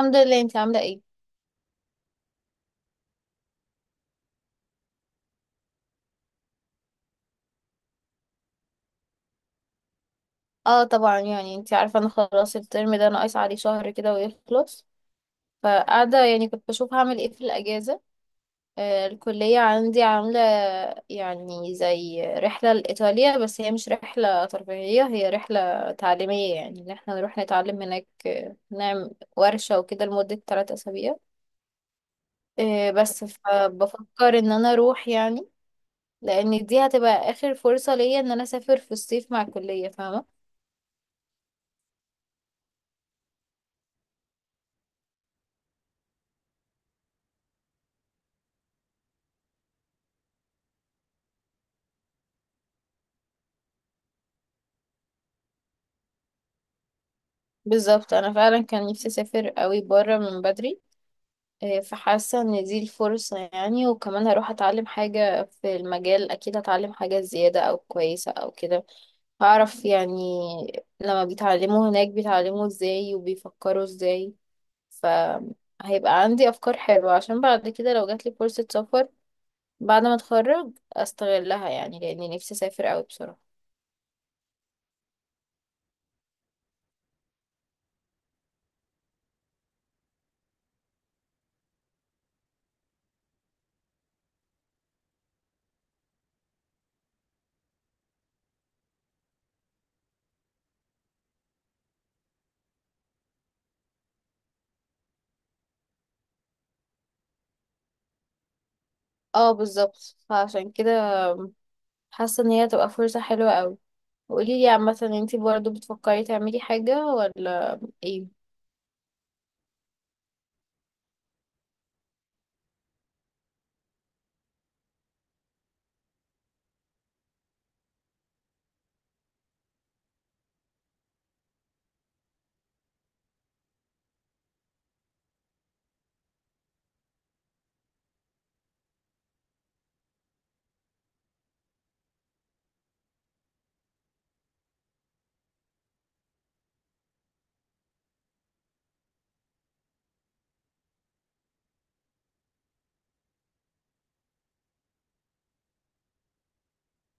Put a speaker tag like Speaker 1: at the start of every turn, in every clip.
Speaker 1: الحمد لله، انت عاملة ايه؟ اه طبعا، يعني انت عارفة انا خلاص الترم ده ناقص عليه شهر كده ويخلص. فقاعدة يعني كنت بشوف هعمل ايه في الأجازة. آه، الكلية عندي عاملة يعني زي رحلة لإيطاليا، بس هي مش رحلة ترفيهية، هي رحلة تعليمية، يعني ان احنا نروح نتعلم هناك، نعمل ورشة وكده لمدة 3 أسابيع. بس فبفكر ان انا اروح يعني، لان دي هتبقى اخر فرصة ليا ان انا اسافر في الصيف مع الكلية، فاهمة؟ بالظبط، انا فعلا كان نفسي اسافر قوي بره من بدري. فحاسه ان دي الفرصه يعني، وكمان هروح اتعلم حاجه في المجال، اكيد هتعلم حاجه زياده او كويسه او كده. هعرف يعني لما بيتعلموا هناك بيتعلموا ازاي وبيفكروا ازاي، فهيبقى عندي افكار حلوه عشان بعد كده لو جاتلي فرصه سفر بعد ما اتخرج استغلها، يعني لاني نفسي اسافر قوي بصراحه. اه بالظبط، فعشان كده حاسه ان هي تبقى فرصه حلوه قوي. قولي لي، مثلا انتي برضو بتفكري تعملي حاجة ولا ايه؟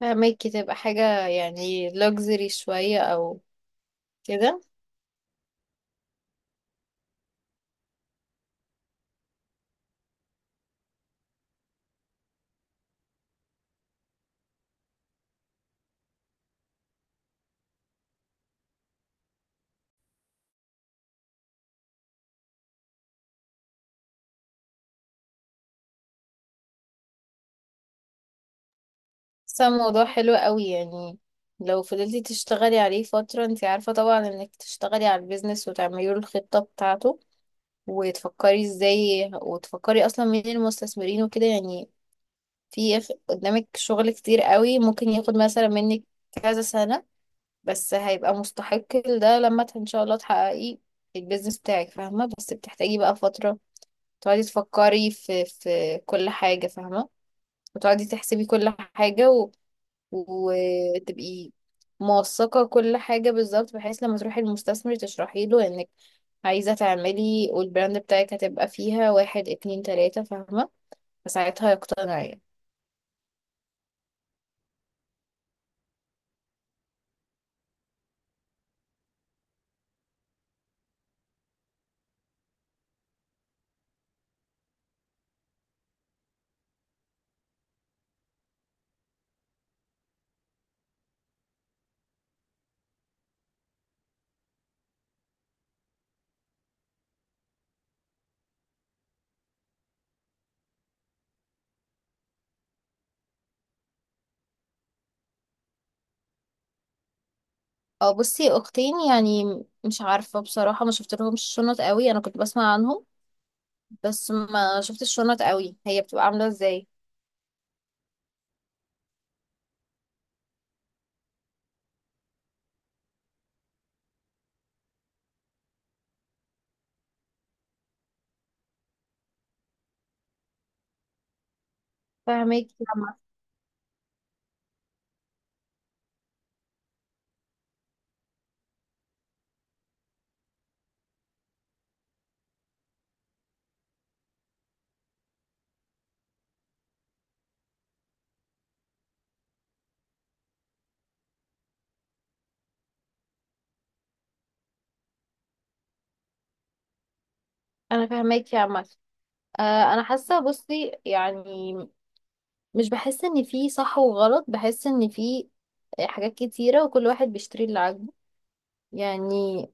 Speaker 1: فهماكي، تبقى حاجة يعني luxury شوية او كده. بس هو موضوع حلو قوي يعني، لو فضلتي تشتغلي عليه فترة، انتي عارفة طبعا انك تشتغلي على البيزنس وتعملي له الخطة بتاعته، وتفكري ازاي، وتفكري اصلا مين المستثمرين وكده يعني. في قدامك شغل كتير قوي، ممكن ياخد مثلا منك كذا سنة، بس هيبقى مستحق. ده لما ان شاء الله تحققي البيزنس بتاعك، فاهمه؟ بس بتحتاجي بقى فتره تقعدي تفكري في كل حاجه، فاهمه؟ وتقعدي تحسبي كل حاجه وتبقي موثقه كل حاجه بالظبط، بحيث لما تروحي للمستثمر تشرحي له انك عايزه تعملي، والبراند بتاعك هتبقى فيها 1، 2، 3، فاهمه؟ فساعتها يقتنع يعني. اه، بصي، اختين يعني مش عارفه بصراحه، ما شفت لهمش شنط قوي، انا كنت بسمع عنهم، بس ما شفتش الشنط قوي، هي بتبقى عاملة ازاي؟ فاهمك يا عمر. انا فاهمك يا عمر. آه، انا حاسه، بصي يعني، مش بحس ان في صح وغلط، بحس ان في حاجات كتيره وكل واحد بيشتري اللي عاجبه يعني.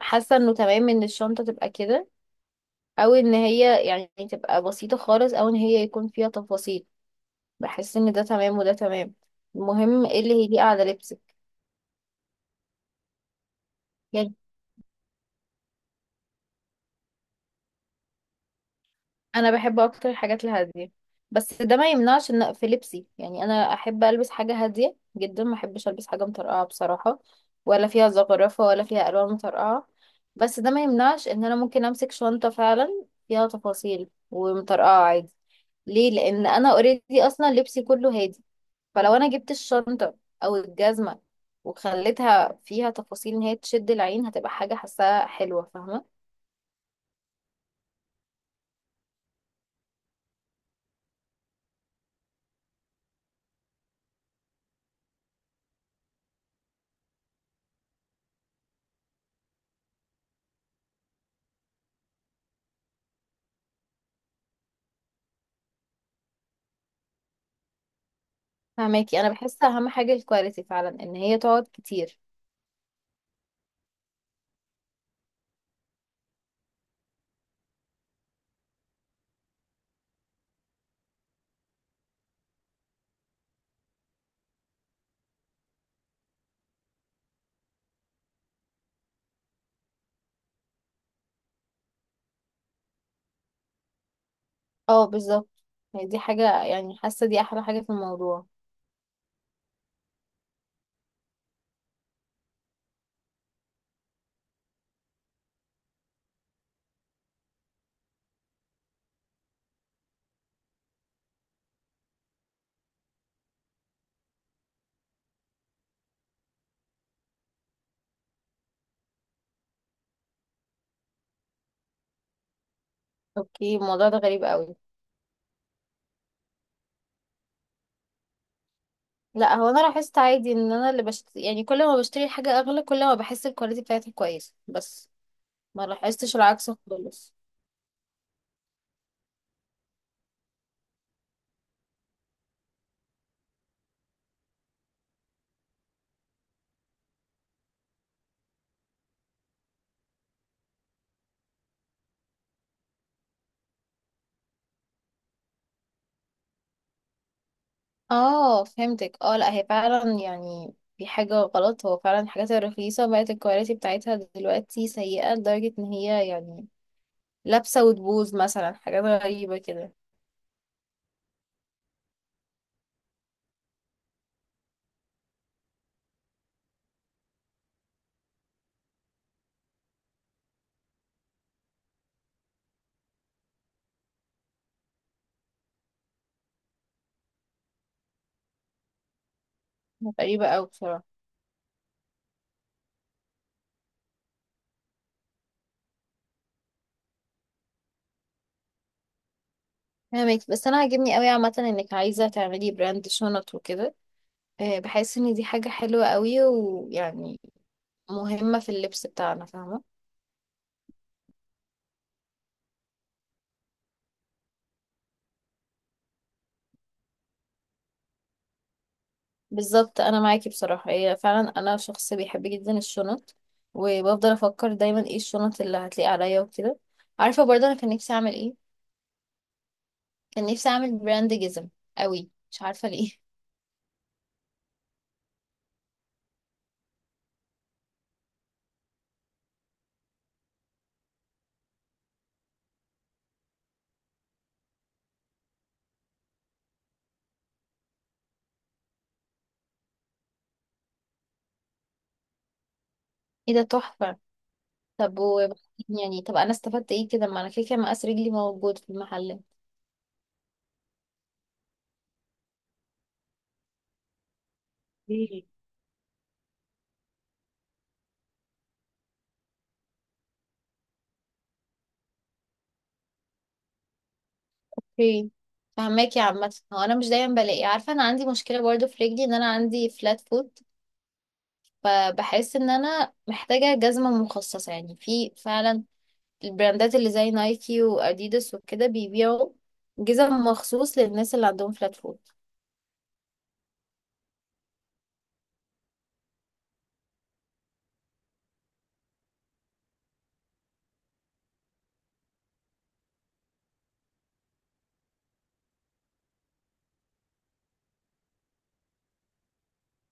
Speaker 1: حاسه انه تمام ان الشنطه تبقى كده، او ان هي يعني تبقى بسيطه خالص، او ان هي يكون فيها تفاصيل. بحس ان ده تمام وده تمام. المهم ايه اللي هيليق على لبسك. انا بحب اكتر الحاجات الهاديه، بس ده ما يمنعش ان في لبسي يعني، انا احب البس حاجه هاديه جدا، ما احبش البس حاجه مطرقعه بصراحه، ولا فيها زخرفه، ولا فيها الوان مطرقعه. بس ده ما يمنعش ان انا ممكن امسك شنطه فعلا فيها تفاصيل ومطرقعه عادي. ليه؟ لان انا اوريدي اصلا لبسي كله هادي، فلو انا جبت الشنطه او الجزمه وخليتها فيها تفاصيل ان هي تشد العين، هتبقى حاجه حاساها حلوه، فاهمه؟ فهماكي، انا بحس اهم حاجه الكواليتي فعلا، ان هي تقعد كتير. اه بالظبط. هي دي حاجه يعني، حاسه دي احلى حاجه في الموضوع. اوكي، الموضوع ده غريب قوي. لا، هو انا لاحظت عادي ان انا اللي يعني كل ما بشتري حاجه اغلى كل ما بحس الكواليتي بتاعتها كويسه، بس ما لاحظتش العكس خالص. اه فهمتك. اه، لا هي فعلا يعني في حاجه غلط، هو فعلا الحاجات الرخيصه بقت الكواليتي بتاعتها دلوقتي سيئه لدرجه ان هي يعني لابسه وتبوظ، مثلا حاجات غريبه كده. غريبه قوي بصراحه. فاهمك، بس انا عاجبني قوي عامه انك عايزه تعملي براند شنط وكده، بحس ان دي حاجه حلوه قوي، ويعني مهمه في اللبس بتاعنا، فاهمه؟ بالظبط، انا معاكي بصراحه، هي فعلا انا شخص بيحب جدا الشنط، وبفضل افكر دايما ايه الشنط اللي هتليق عليا وكده. عارفه برضه انا كان نفسي اعمل ايه؟ كان نفسي اعمل براند جزم قوي، مش عارفه ليه ايه ده، تحفه! طب و يعني طب انا استفدت ايه كده، ما انا كده كده مقاس رجلي موجود في المحل. اوكي. فهماكي، عامة هو انا مش دايما بلاقي، عارفة انا عندي مشكلة برضو في رجلي، ان انا عندي فلات فوت، فبحس ان انا محتاجة جزمة مخصصة يعني، في فعلا البراندات اللي زي نايكي واديداس وكده بيبيعوا جزم مخصوص للناس اللي عندهم فلات فوت.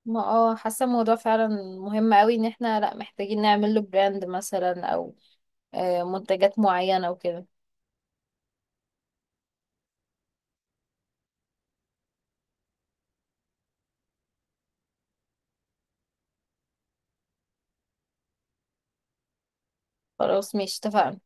Speaker 1: ما حاسة الموضوع فعلا مهم قوي، ان احنا لا محتاجين نعمل له براند مثلا، او منتجات معينة وكده. خلاص، ماشي، اتفقنا.